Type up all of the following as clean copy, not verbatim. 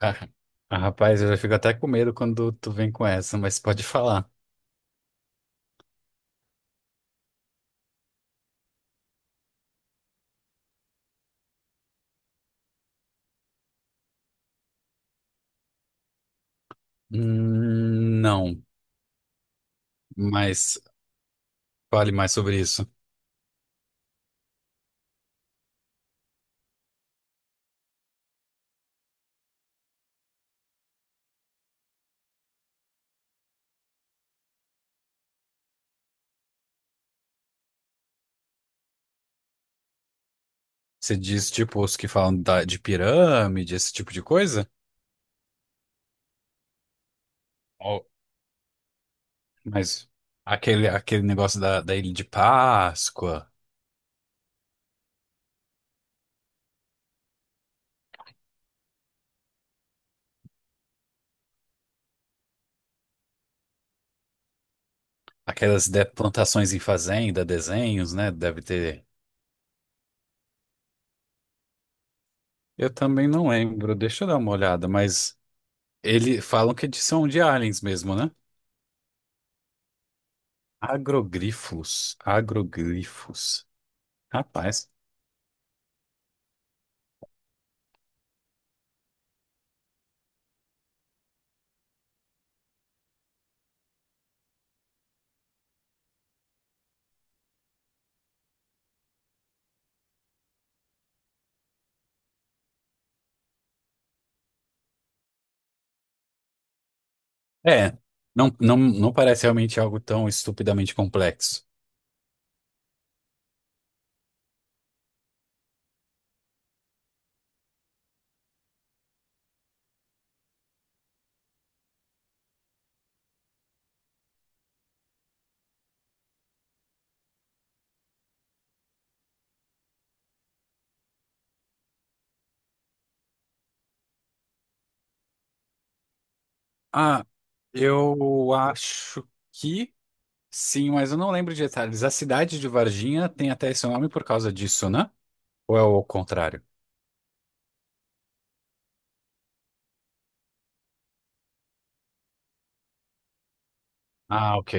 Ah, Rapaz, eu já fico até com medo quando tu vem com essa, mas pode falar. Não, mas fale mais sobre isso. Você diz, tipo, os que falam de pirâmide, esse tipo de coisa? Ou- Mas aquele negócio da Ilha de Páscoa, aquelas plantações em fazenda, desenhos, né? Deve ter. Eu também não lembro, deixa eu dar uma olhada, mas eles falam que são de aliens mesmo, né? Agrogrifos, agrogrifos. Rapaz. É, não parece realmente algo tão estupidamente complexo. Ah, eu acho que sim, mas eu não lembro de detalhes. A cidade de Varginha tem até esse nome por causa disso, né? Ou é o contrário? Ah, ok.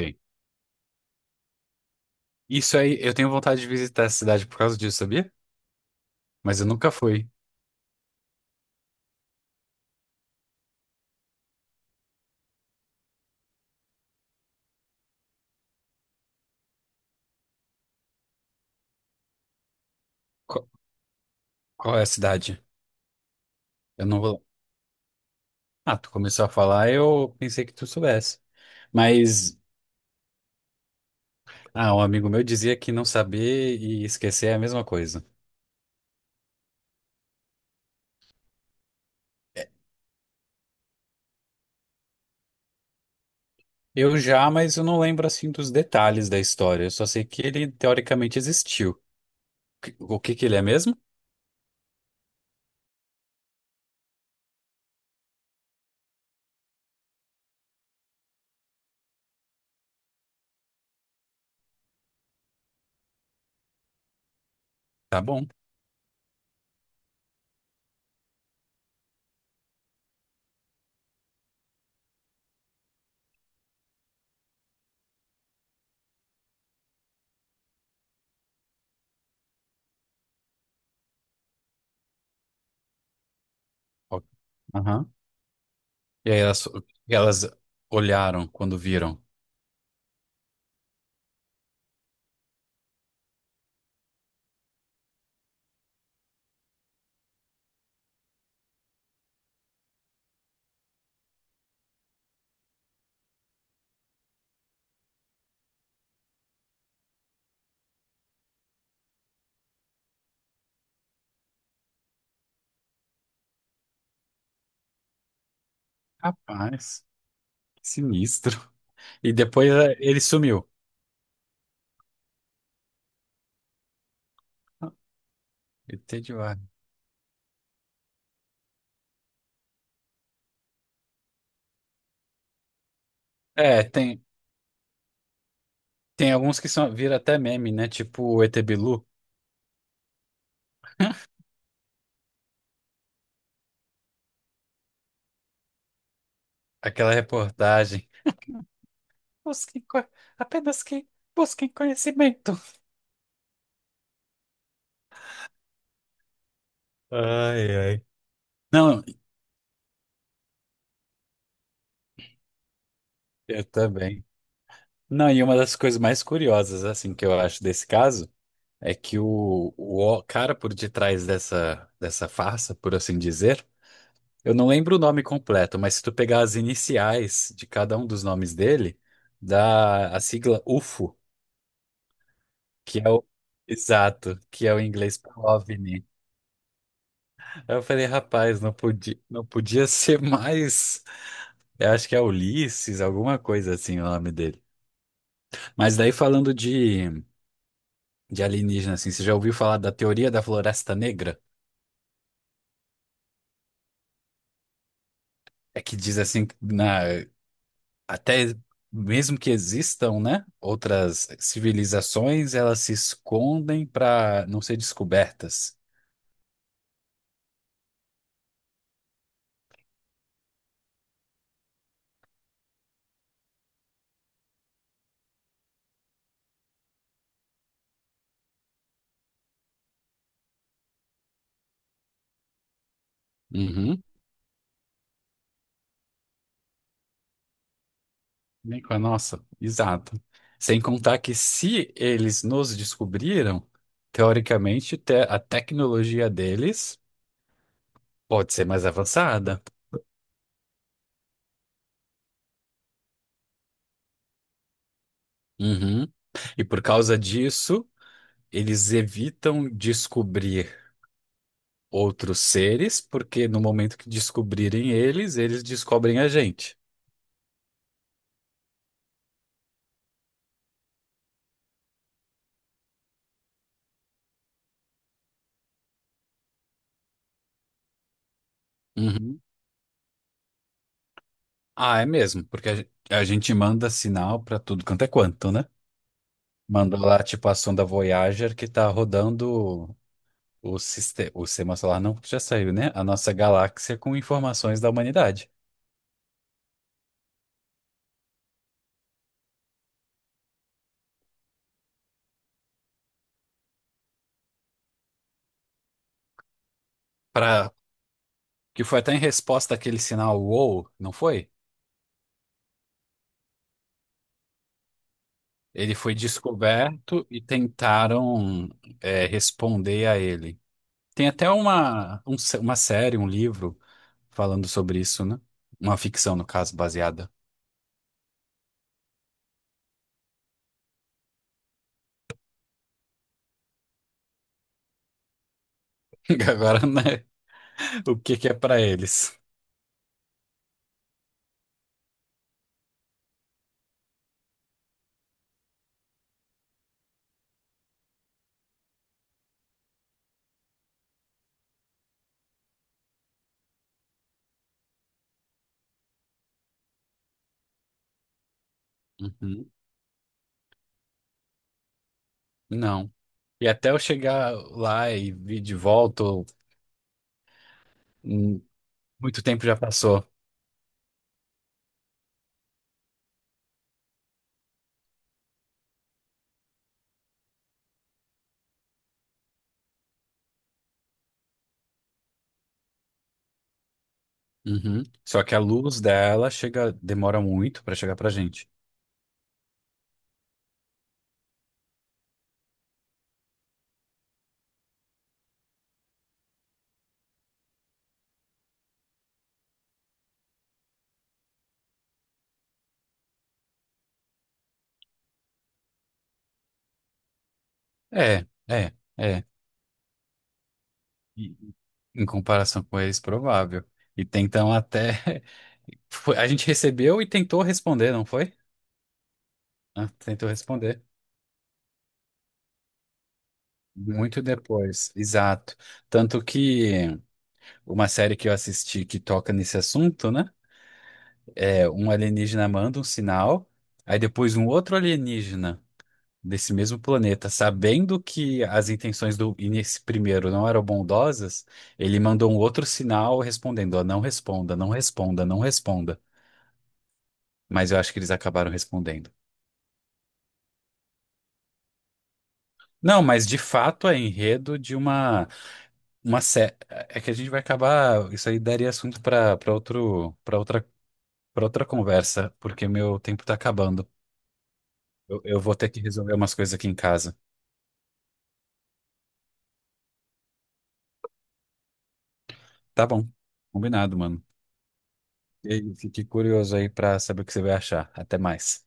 Isso aí, eu tenho vontade de visitar a cidade por causa disso, sabia? Mas eu nunca fui. Qual, qual é a cidade? Eu não vou. Ah, tu começou a falar, eu pensei que tu soubesse. Mas, Um amigo meu dizia que não saber e esquecer é a mesma coisa. Eu já, mas eu não lembro assim dos detalhes da história. Eu só sei que ele teoricamente existiu. O que que ele é mesmo? Tá bom. Ó. Aham. E aí elas olharam quando viram. Rapaz, que sinistro. E depois é, ele sumiu. Ah, ET de Varna. É, tem, tem alguns que são, viram até meme, né? Tipo o ET Bilu, aquela reportagem. Busquem, co- apenas que Busquem conhecimento. Ai, ai. Não, eu também. Não, e uma das coisas mais curiosas, assim, que eu acho desse caso é que o cara por detrás dessa farsa, por assim dizer, eu não lembro o nome completo, mas se tu pegar as iniciais de cada um dos nomes dele, dá a sigla UFO, que é o exato, que é o inglês para OVNI. Aí eu falei, rapaz, não podia ser mais. Eu acho que é Ulisses, alguma coisa assim o nome dele. Mas daí falando de alienígena, assim. Você já ouviu falar da teoria da Floresta Negra? É que diz assim, que na, até mesmo que existam, né, outras civilizações, elas se escondem para não ser descobertas. Uhum. Bem com a nossa, exato. Sem contar que se eles nos descobriram, teoricamente a tecnologia deles pode ser mais avançada. Uhum. E por causa disso, eles evitam descobrir outros seres, porque no momento que descobrirem eles, eles descobrem a gente. Uhum. Ah, é mesmo, porque a gente manda sinal pra tudo quanto é quanto, né? Manda lá, tipo, a sonda Voyager que tá rodando o sistema solar, não, porque já saiu, né? A nossa galáxia com informações da humanidade. Pra, que foi até em resposta àquele sinal WOW, não foi? Ele foi descoberto e tentaram responder a ele. Tem até uma, um se- uma série, um livro falando sobre isso, né? Uma ficção, no caso, baseada. Agora, né? O que que é pra eles? Uhum. Não. E até eu chegar lá e vir de volta, hum, muito tempo já passou. Uhum. Só que a luz dela chega, demora muito pra chegar pra gente. É, é, é. E- Em comparação com eles, provável. E tentam até. A gente recebeu e tentou responder, não foi? Ah, tentou responder. Muito depois, exato. Tanto que uma série que eu assisti que toca nesse assunto, né? É um alienígena manda um sinal, aí depois um outro alienígena desse mesmo planeta, sabendo que as intenções do nesse primeiro não eram bondosas, ele mandou um outro sinal respondendo, ó, não responda. Mas eu acho que eles acabaram respondendo. Não, mas de fato é enredo de uma. uma sé... É que a gente vai acabar. Isso aí daria assunto para outra conversa, porque meu tempo tá acabando. Eu vou ter que resolver umas coisas aqui em casa. Tá bom. Combinado, mano. E aí, fiquei curioso aí pra saber o que você vai achar. Até mais.